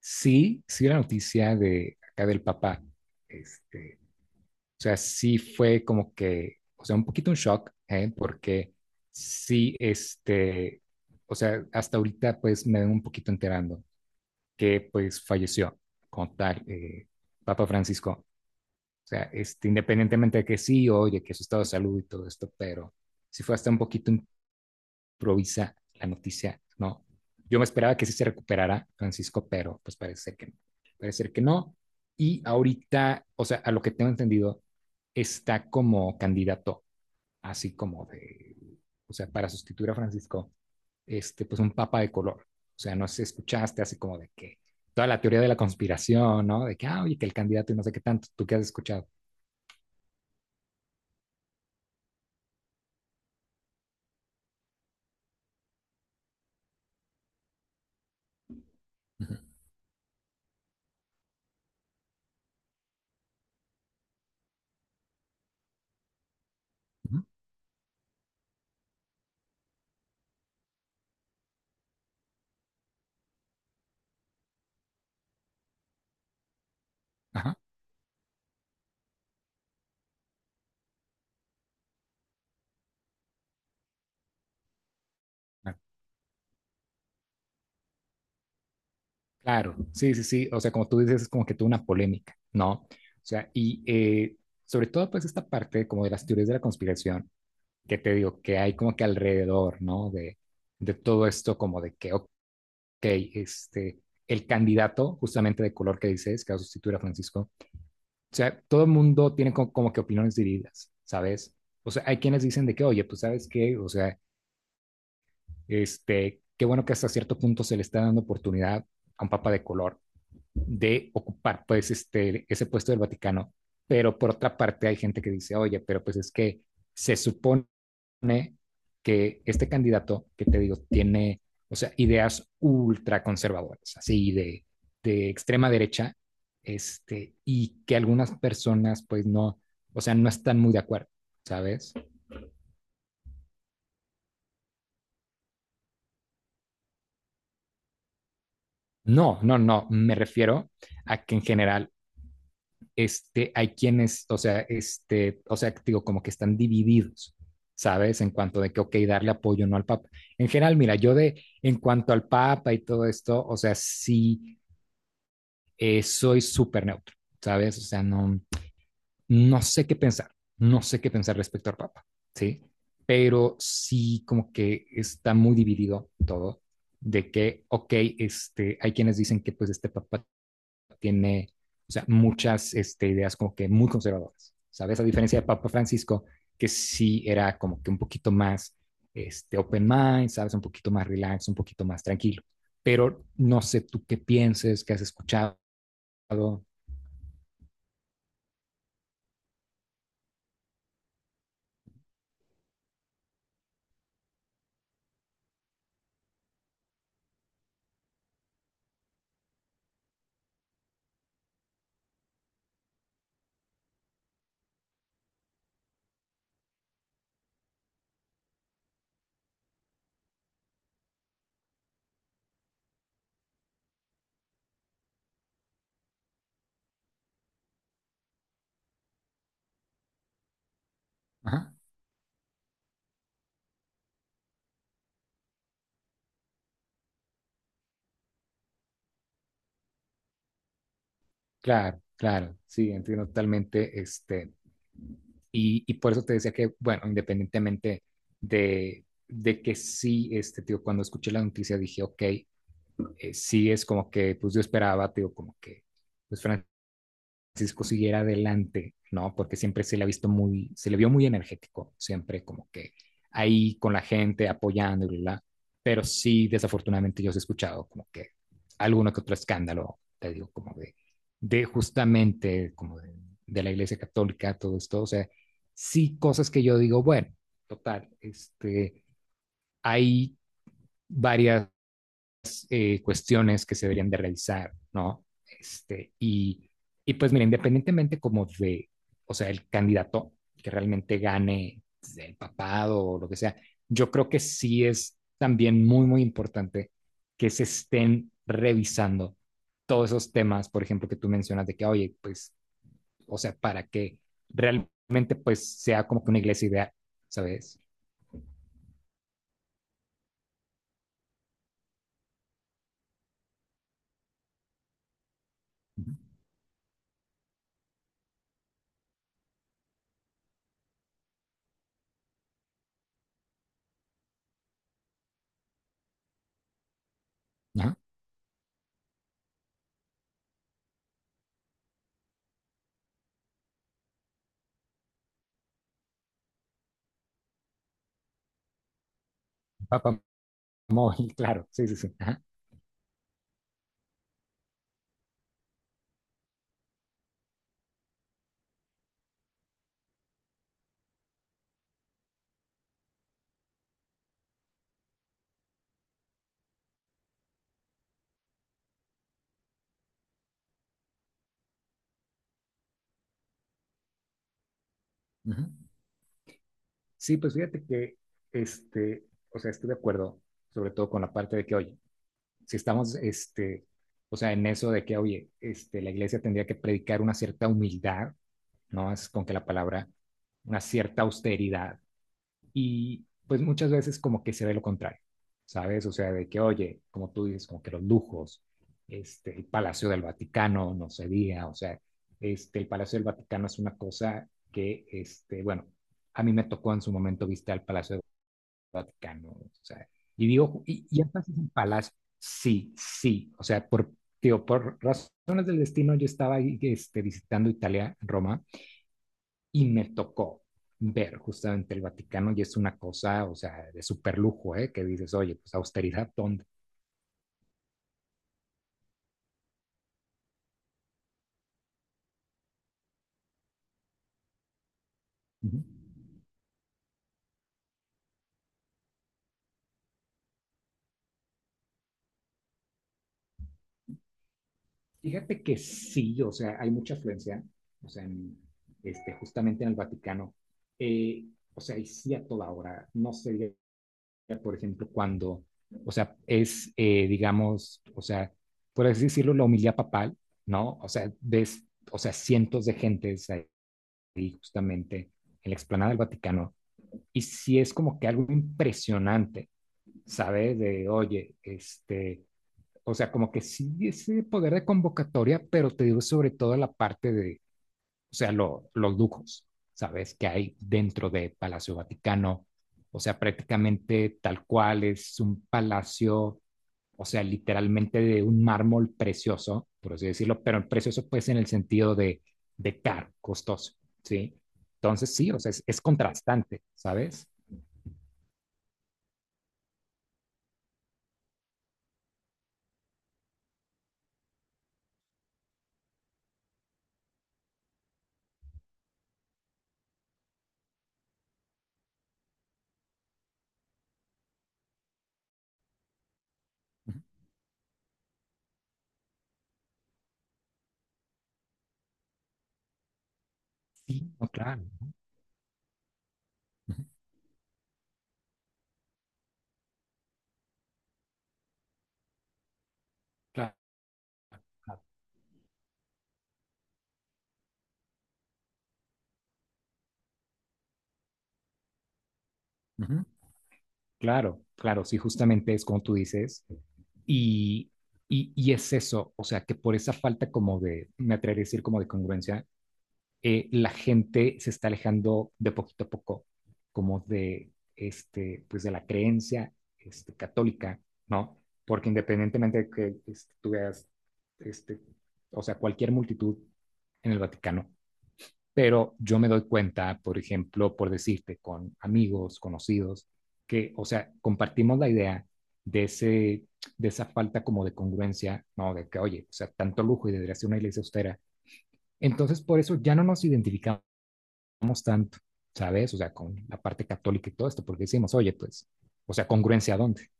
Sí, sí, la noticia de acá del papá, este, o sea, sí fue como que, o sea, un poquito un shock, ¿eh? Porque sí, o sea, hasta ahorita pues me vengo un poquito enterando que pues falleció como tal Papa Francisco, o sea, este, independientemente de que sí, oye, que su estado de salud y todo esto, pero sí fue hasta un poquito provisa la noticia, no. Yo me esperaba que sí se recuperara Francisco, pero pues parece que, no, parece que no. Y ahorita, o sea, a lo que tengo entendido, está como candidato, así como de, o sea, para sustituir a Francisco, pues un papa de color. O sea, no sé, si escuchaste así como de que toda la teoría de la conspiración, ¿no? De que, ah, oye, que el candidato y no sé qué tanto, tú qué has escuchado. Uh -huh. Uh -huh. Ajá. Claro, sí, sí, sí. O sea, como tú dices, es como que tuvo una polémica, ¿no? O sea, y sobre todo, pues, esta parte como de las teorías de la conspiración, que te digo, que hay como que alrededor, ¿no? De todo esto, como de que, ok, este, el candidato justamente de color que dices, que va a sustituir a Francisco, o sea, todo el mundo tiene como, que opiniones divididas, ¿sabes? O sea, hay quienes dicen de que, oye, pues, ¿sabes qué? O sea, qué bueno que hasta cierto punto se le está dando oportunidad a un papa de color de ocupar pues este, ese puesto del Vaticano. Pero por otra parte hay gente que dice, oye, pero pues es que se supone que este candidato, que te digo, tiene, o sea, ideas ultra conservadoras, así de extrema derecha, y que algunas personas pues no, o sea, no están muy de acuerdo, ¿sabes? No, no, no, me refiero a que en general hay quienes, o sea, este, o sea, digo, como que están divididos, ¿sabes? En cuanto de que, ok, darle apoyo o no al Papa. En general, mira, yo de, en cuanto al Papa y todo esto, o sea, sí, soy súper neutro, ¿sabes? O sea, no, no sé qué pensar, no sé qué pensar respecto al Papa, ¿sí? Pero sí, como que está muy dividido todo, de que, ok, hay quienes dicen que pues este Papa tiene o sea, muchas este, ideas como que muy conservadoras, ¿sabes? A diferencia de Papa Francisco, que sí era como que un poquito más open mind, ¿sabes? Un poquito más relax, un poquito más tranquilo. Pero no sé tú qué pienses, qué has escuchado. Ajá, claro, claro, sí, entiendo totalmente. Este, y por eso te decía que, bueno, independientemente de que sí, este, tío, cuando escuché la noticia dije, ok, sí es como que, pues yo esperaba, digo, como que, pues Francisco siguiera adelante, ¿no? Porque siempre se le ha visto muy, se le vio muy energético, siempre como que ahí con la gente, apoyando y bla, bla. Pero sí, desafortunadamente yo os he escuchado como que alguno que otro escándalo, te digo, como de justamente, como de la Iglesia Católica, todo esto, o sea, sí cosas que yo digo, bueno, total, este, hay varias cuestiones que se deberían de realizar, ¿no? Este, y pues mira, independientemente como de, o sea, el candidato que realmente gane pues, el papado o lo que sea, yo creo que sí es también muy, muy importante que se estén revisando todos esos temas, por ejemplo, que tú mencionas de que, oye, pues, o sea, para que realmente pues sea como que una iglesia ideal, ¿sabes? Ajá. Papa móvil, claro, sí, sí, sí. Ajá. Ajá. Sí, pues fíjate que, este, o sea, estoy de acuerdo, sobre todo con la parte de que, oye, si estamos, este, o sea, en eso de que, oye, la iglesia tendría que predicar una cierta humildad, ¿no? Es con que la palabra, una cierta austeridad, y pues muchas veces como que se ve lo contrario, ¿sabes? O sea, de que, oye, como tú dices, como que los lujos, el Palacio del Vaticano, no se diga, o sea, el Palacio del Vaticano es una cosa que, este, bueno, a mí me tocó en su momento visitar el Palacio del Vaticano, o sea, y digo, y entonces el Palacio, sí, sí, o sea, por, digo, por razones del destino yo estaba ahí, visitando Italia, Roma, y me tocó ver justamente el Vaticano y es una cosa, o sea, de super lujo, ¿eh? Que dices, oye, pues austeridad, ¿dónde? Uh -huh. Fíjate que sí, o sea, hay mucha afluencia, o sea, justamente en el Vaticano, eh, o sea, y sí a toda hora, no sé, por ejemplo, cuando, o sea, es, digamos, o sea, por así decirlo, la homilía papal, ¿no? O sea, ves, o sea, cientos de gentes ahí justamente en la explanada del Vaticano, y sí es como que algo impresionante, ¿sabes? De, oye, o sea, como que sí ese poder de convocatoria, pero te digo sobre todo la parte de, o sea, lo, los lujos, ¿sabes? Que hay dentro de Palacio Vaticano, o sea, prácticamente tal cual es un palacio, o sea, literalmente de un mármol precioso, por así decirlo, pero precioso pues en el sentido de caro, costoso, ¿sí? Entonces sí, o sea, es contrastante, ¿sabes? Sí, no, claro. Ujú, claro. Ujú. Claro, claro, sí, justamente es como tú dices, y, y es eso, o sea, que por esa falta como de, me atrevería a decir como de congruencia, la gente se está alejando de poquito a poco, como de, pues de la creencia, católica, ¿no? Porque independientemente de que este, tú veas, este, o sea, cualquier multitud en el Vaticano, pero yo me doy cuenta, por ejemplo, por decirte, con amigos, conocidos, que, o sea, compartimos la idea de, ese, de esa falta como de congruencia, ¿no? De que, oye, o sea, tanto lujo y debería ser una iglesia austera. Entonces, por eso ya no nos identificamos tanto, ¿sabes? O sea, con la parte católica y todo esto, porque decimos, oye, pues, o sea, congruencia a dónde.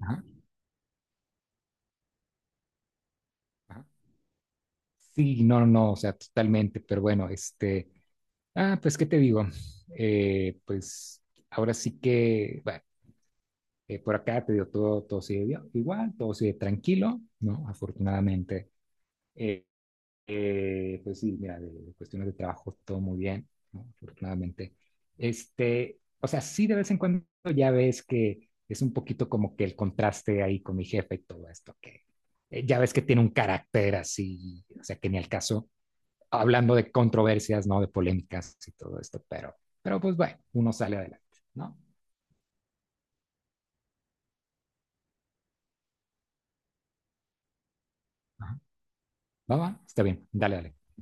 Ajá, ajá. Sí, no, no, no, o sea, totalmente, pero bueno, este, ah, pues, ¿qué te digo? Pues, ahora sí que, bueno. Por acá te digo, todo, todo sigue igual, todo sigue tranquilo, ¿no? Afortunadamente. Eh, pues sí, mira, de cuestiones de trabajo, todo muy bien, ¿no? Afortunadamente. Este, o sea, sí de vez en cuando ya ves que es un poquito como que el contraste ahí con mi jefe y todo esto, que ya ves que tiene un carácter así, o sea, que ni al caso, hablando de controversias, ¿no? De polémicas y todo esto, pero pues bueno, uno sale adelante, ¿no? Ajá. Va, va, está bien, dale, dale.